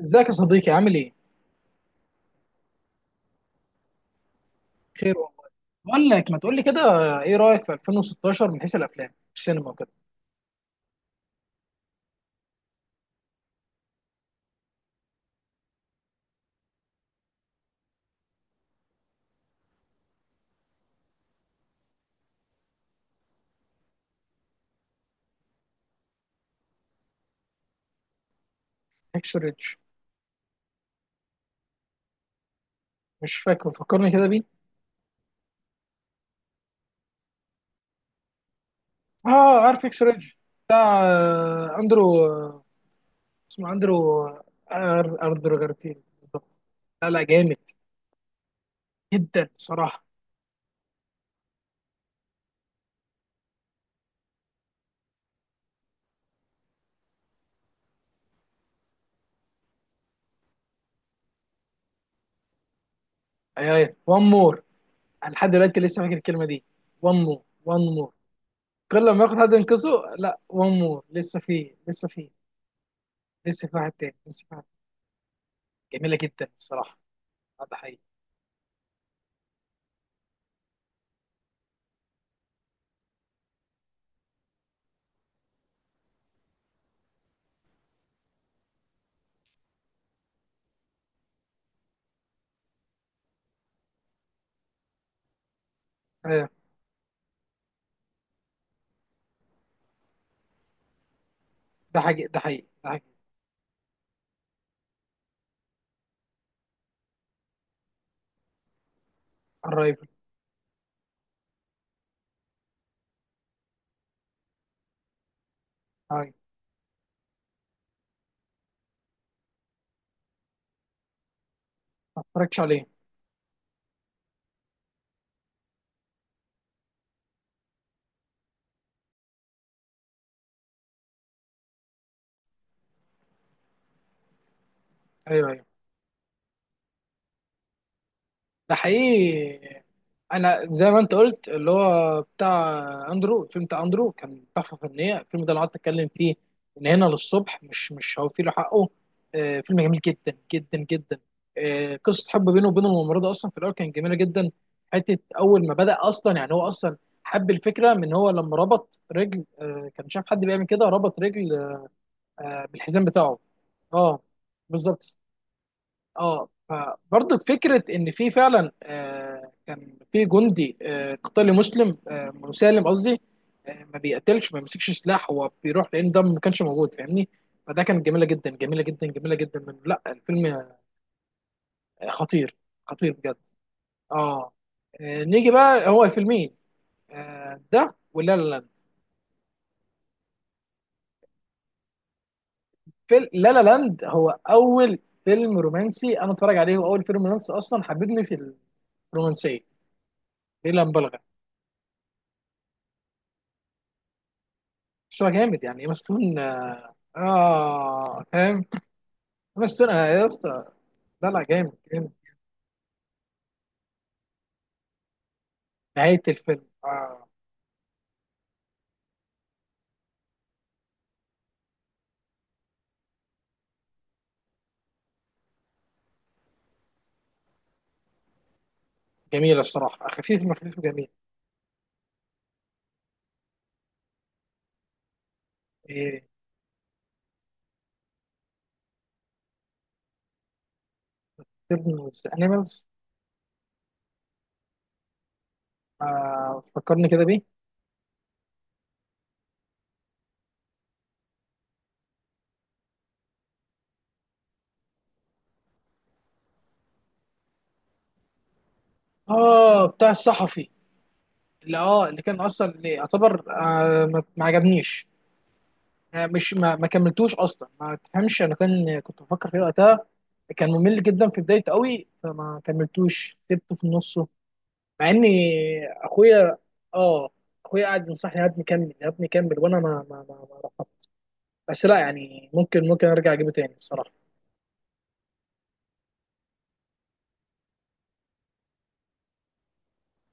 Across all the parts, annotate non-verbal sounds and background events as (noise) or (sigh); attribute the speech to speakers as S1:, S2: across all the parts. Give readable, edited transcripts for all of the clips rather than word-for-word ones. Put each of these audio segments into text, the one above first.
S1: ازيك يا صديقي، عامل ايه؟ خير والله. بقول لك، ما تقول لي كده، ايه رايك في 2016 من حيث الافلام، السينما وكده؟ اكس ريدج. مش فاكر، فكرني كده بيه. اه، عارف اكس ريدج، بتاع اندرو، اسمه اندرو. آه، اندرو جارفيلد بالظبط. لا لا، جامد جدا صراحه. اي اي، وان مور. لحد دلوقتي لسه فاكر الكلمه دي. وان مور، وان مور. كل ما ياخد حد ينقذه، لا، وان مور، لسه فيه لسه فيه. لسه في واحد تاني، لسه في واحد. جميله جدا الصراحه. ده؟ ايوه، ده حقيقي، ده حقيقي، ده حقيقي. الرايفل. ايوه، ما اتفرجش عليه. ايوه ايوه، ده حقيقي. انا زي ما انت قلت، اللي هو بتاع اندرو، الفيلم بتاع اندرو كان تحفه فنيه، الفيلم ده انا قعدت اتكلم فيه من هنا للصبح، مش هوفي له حقه. آه، فيلم جميل جدا جدا جدا. آه، قصه حب بينه وبين الممرضه اصلا في الاول كان جميله جدا. حته اول ما بدا اصلا، يعني هو اصلا حب الفكره من، هو لما ربط رجل، كان شاف حد بيعمل كده، ربط رجل بالحزام بتاعه. اه، بالظبط. اه، فبرضه فكره ان في فعلا، كان في جندي قتالي مسلم، مسالم قصدي، ما بيقتلش ما بيمسكش سلاح، هو بيروح، لان ده ما كانش موجود، فاهمني؟ فده كانت جميله جدا، جميله جدا، جميله جدا من لا الفيلم. آه، خطير. خطير بجد. اه. نيجي بقى، هو فيلمين. ده ولا لا لاند. لا لا لاند هو اول فيلم رومانسي انا اتفرج عليه، واول فيلم رومانسي اصلا حببني في رومانسيه، دي لا مبالغه. بس هو جامد، يعني ايما ستون. اه، فاهم. ايما ستون انا يا اسطى. لا لا، جامد جامد. نهايه الفيلم آه. جميله الصراحه، خفيف خفيف وجميل. ايه؟ فيلم انيمالز. آه، فكرني كده بيه. اه، بتاع الصحفي اللي، اه، اللي كان اصلا، اللي يعتبر، ما عجبنيش. آه، مش ما كملتوش اصلا، ما تفهمش انا، كان كنت بفكر فيه وقتها. كان ممل جدا في بدايته قوي، فما كملتوش، سبته في النص. مع ان اخويا، اه، اخويا قاعد ينصحني يا ابني كمل، يا ابني كمل، وانا ما رفضت. بس لا يعني، ممكن ارجع اجيبه تاني الصراحه.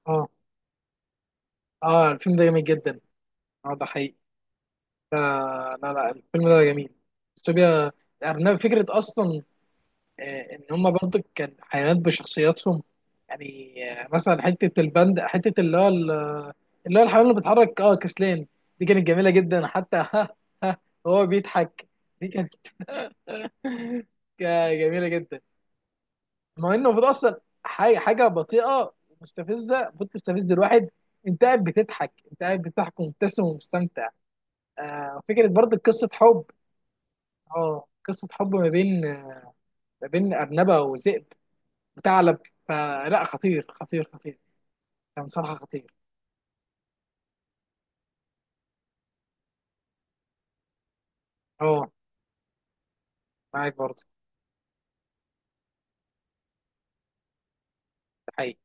S1: اه. اه، الفيلم ده جميل جدا. اه، ده حقيقي. آه لا لا، الفيلم ده جميل. استوبيا. الارنب، فكره اصلا، آه، ان هم برضه كان حيوانات بشخصياتهم، يعني آه، مثلا حته البند، حته اللي هو اللي هو الحيوان اللي بيتحرك، اه، كسلان. دي كانت جميله جدا حتى (laughs) ها. ها، هو بيضحك. دي كانت جميله جدا. ما انه المفروض اصلا حاجه بطيئه ومستفزه، المفروض تستفز الواحد، انت قاعد بتضحك، انت قاعد بتضحك ومبتسم ومستمتع. آه، فكره برضه قصه حب. اه، قصه حب ما بين، ارنبه وذئب، وثعلب. فلا، خطير خطير خطير، كان صراحه خطير. اه، معاك برضه. ده حقيقي.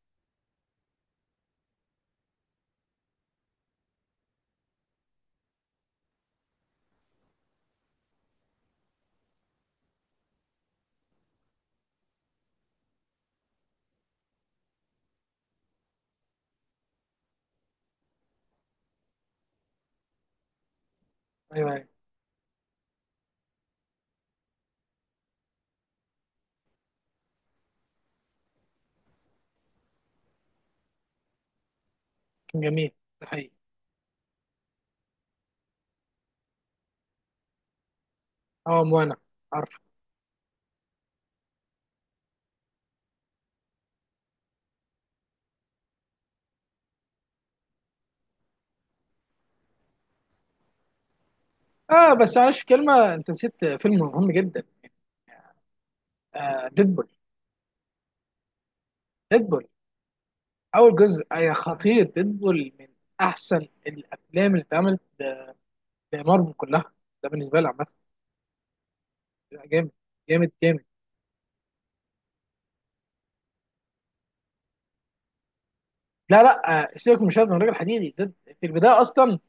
S1: ايوه ايوه، كان جميل. ده حقيقي. اه، وانا عارف. اه، بس معلش، في كلمه، انت نسيت فيلم مهم جدا. آه، ديدبول. ديدبول اول جزء، أي خطير. ديدبول من احسن الافلام اللي اتعملت لمارفل كلها، ده بالنسبه لي عامه. لا، جامد جامد جامد. لا لا، سيبك من شاب من راجل حديدي ده. في البدايه اصلا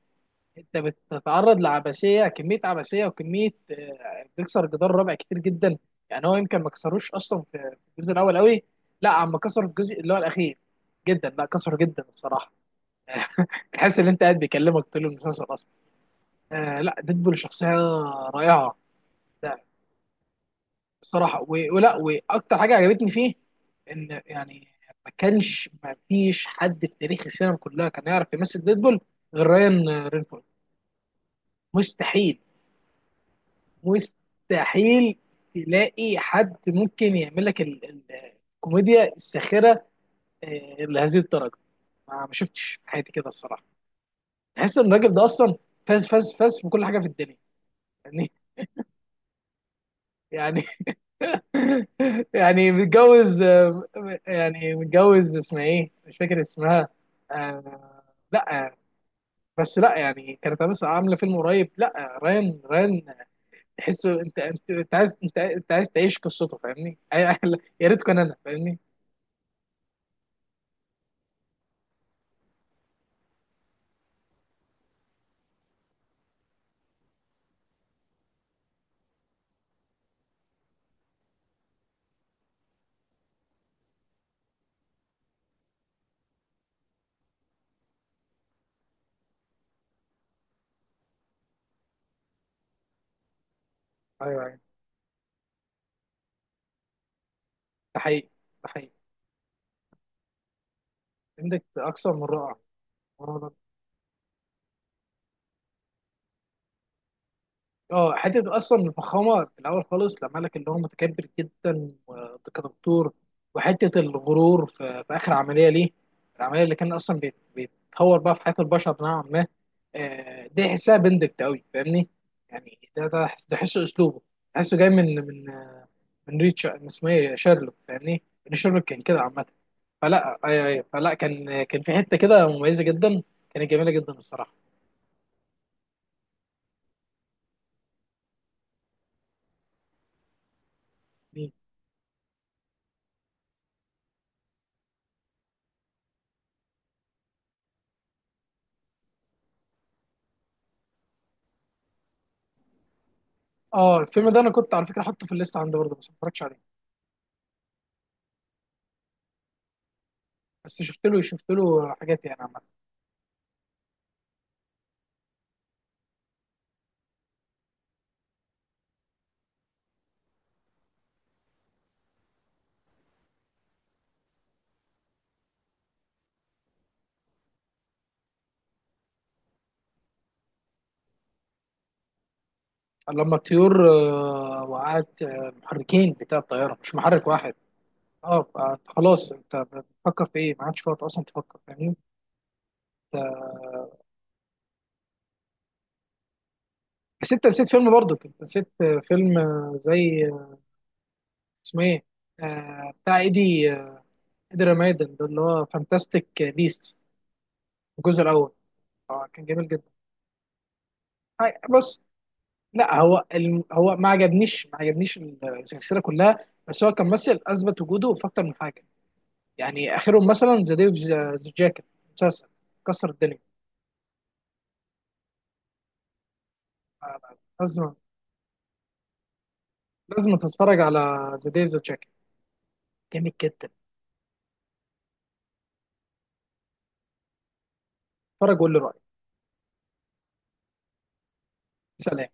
S1: انت بتتعرض لعبثيه، كميه عبثيه وكميه، بتكسر جدار الرابع كتير جدا. يعني هو يمكن ما كسروش اصلا في الجزء الاول قوي. لا، عم كسر في الجزء اللي هو الاخير جدا، لا كسره جدا الصراحه. (laughs) تحس ان انت قاعد بيكلمك طول المسلسل اصلا. آه لا، ديدبول شخصيه رائعه الصراحه، ولا واكتر حاجه عجبتني فيه، ان يعني ما فيش حد في تاريخ السينما كلها كان يعرف يمثل ديدبول غير رايان رينفورد. مستحيل. مستحيل تلاقي حد ممكن يعمل لك الكوميديا الساخره لهذه الدرجه. ما شفتش في حياتي كده الصراحه. تحس ان الراجل ده اصلا فاز فاز فاز في كل حاجه في الدنيا يعني. (laughs) يعني. (laughs) يعني متجوز يعني متجوز، اسمها ايه مش فاكر اسمها. آه. لا، بس لا يعني كانت، بس عامله فيلم قريب، لا، ريان، تحسه انت عايز، انت عايز تعيش قصته، فاهمني؟ (laughs) يا ريت كان، انا فاهمني. ايوه ايوه، ده حقيقي، ده حقيقي. عندك اكثر من رائع. اه، حته اصلا الفخامه في الاول خالص، لما قال لك ان هو متكبر جدا كدكتور، وحته الغرور في اخر عمليه ليه، العمليه اللي كان اصلا بيتطور بقى في حياه البشر نوعا ما، آه، دي احسها بندكت قوي، فاهمني؟ يعني ده ده احسه اسلوبه، احسه جاي من ريتش، من اسمه ايه، شارلوك، فاهمني؟ ان شارلوك كان كده عامه. فلا ايوه ايوه، فلا كان في حته كده مميزه جدا، كانت جميله جدا الصراحه. اه، الفيلم ده انا كنت على فكره حاطه في الليست عندي برضه، بس ما اتفرجتش عليه. بس شفت له حاجات يعني عامة. لما الطيور وقعت المحركين بتاع الطيارة، مش محرك واحد. اه، فأنت خلاص انت بتفكر في ايه؟ ما عادش في وقت اصلا تفكر، فاهمني؟ بس انت نسيت فيلم برضك، انت نسيت فيلم زي اسمه ايه، بتاع ايدي ايدي رمادن، ده اللي هو فانتاستيك بيست. الجزء الاول، اه، كان جميل جدا. بص، لا، هو هو ما عجبنيش، السلسلة كلها، بس هو كان ممثل اثبت وجوده في اكتر من حاجة، يعني اخرهم مثلا ذا ديف ذا جاكيت، مسلسل كسر الدنيا. آه، لازم لازم تتفرج على ذا ديف ذا جاكيت، جامد جدا. اتفرج وقول لي رايك. سلام.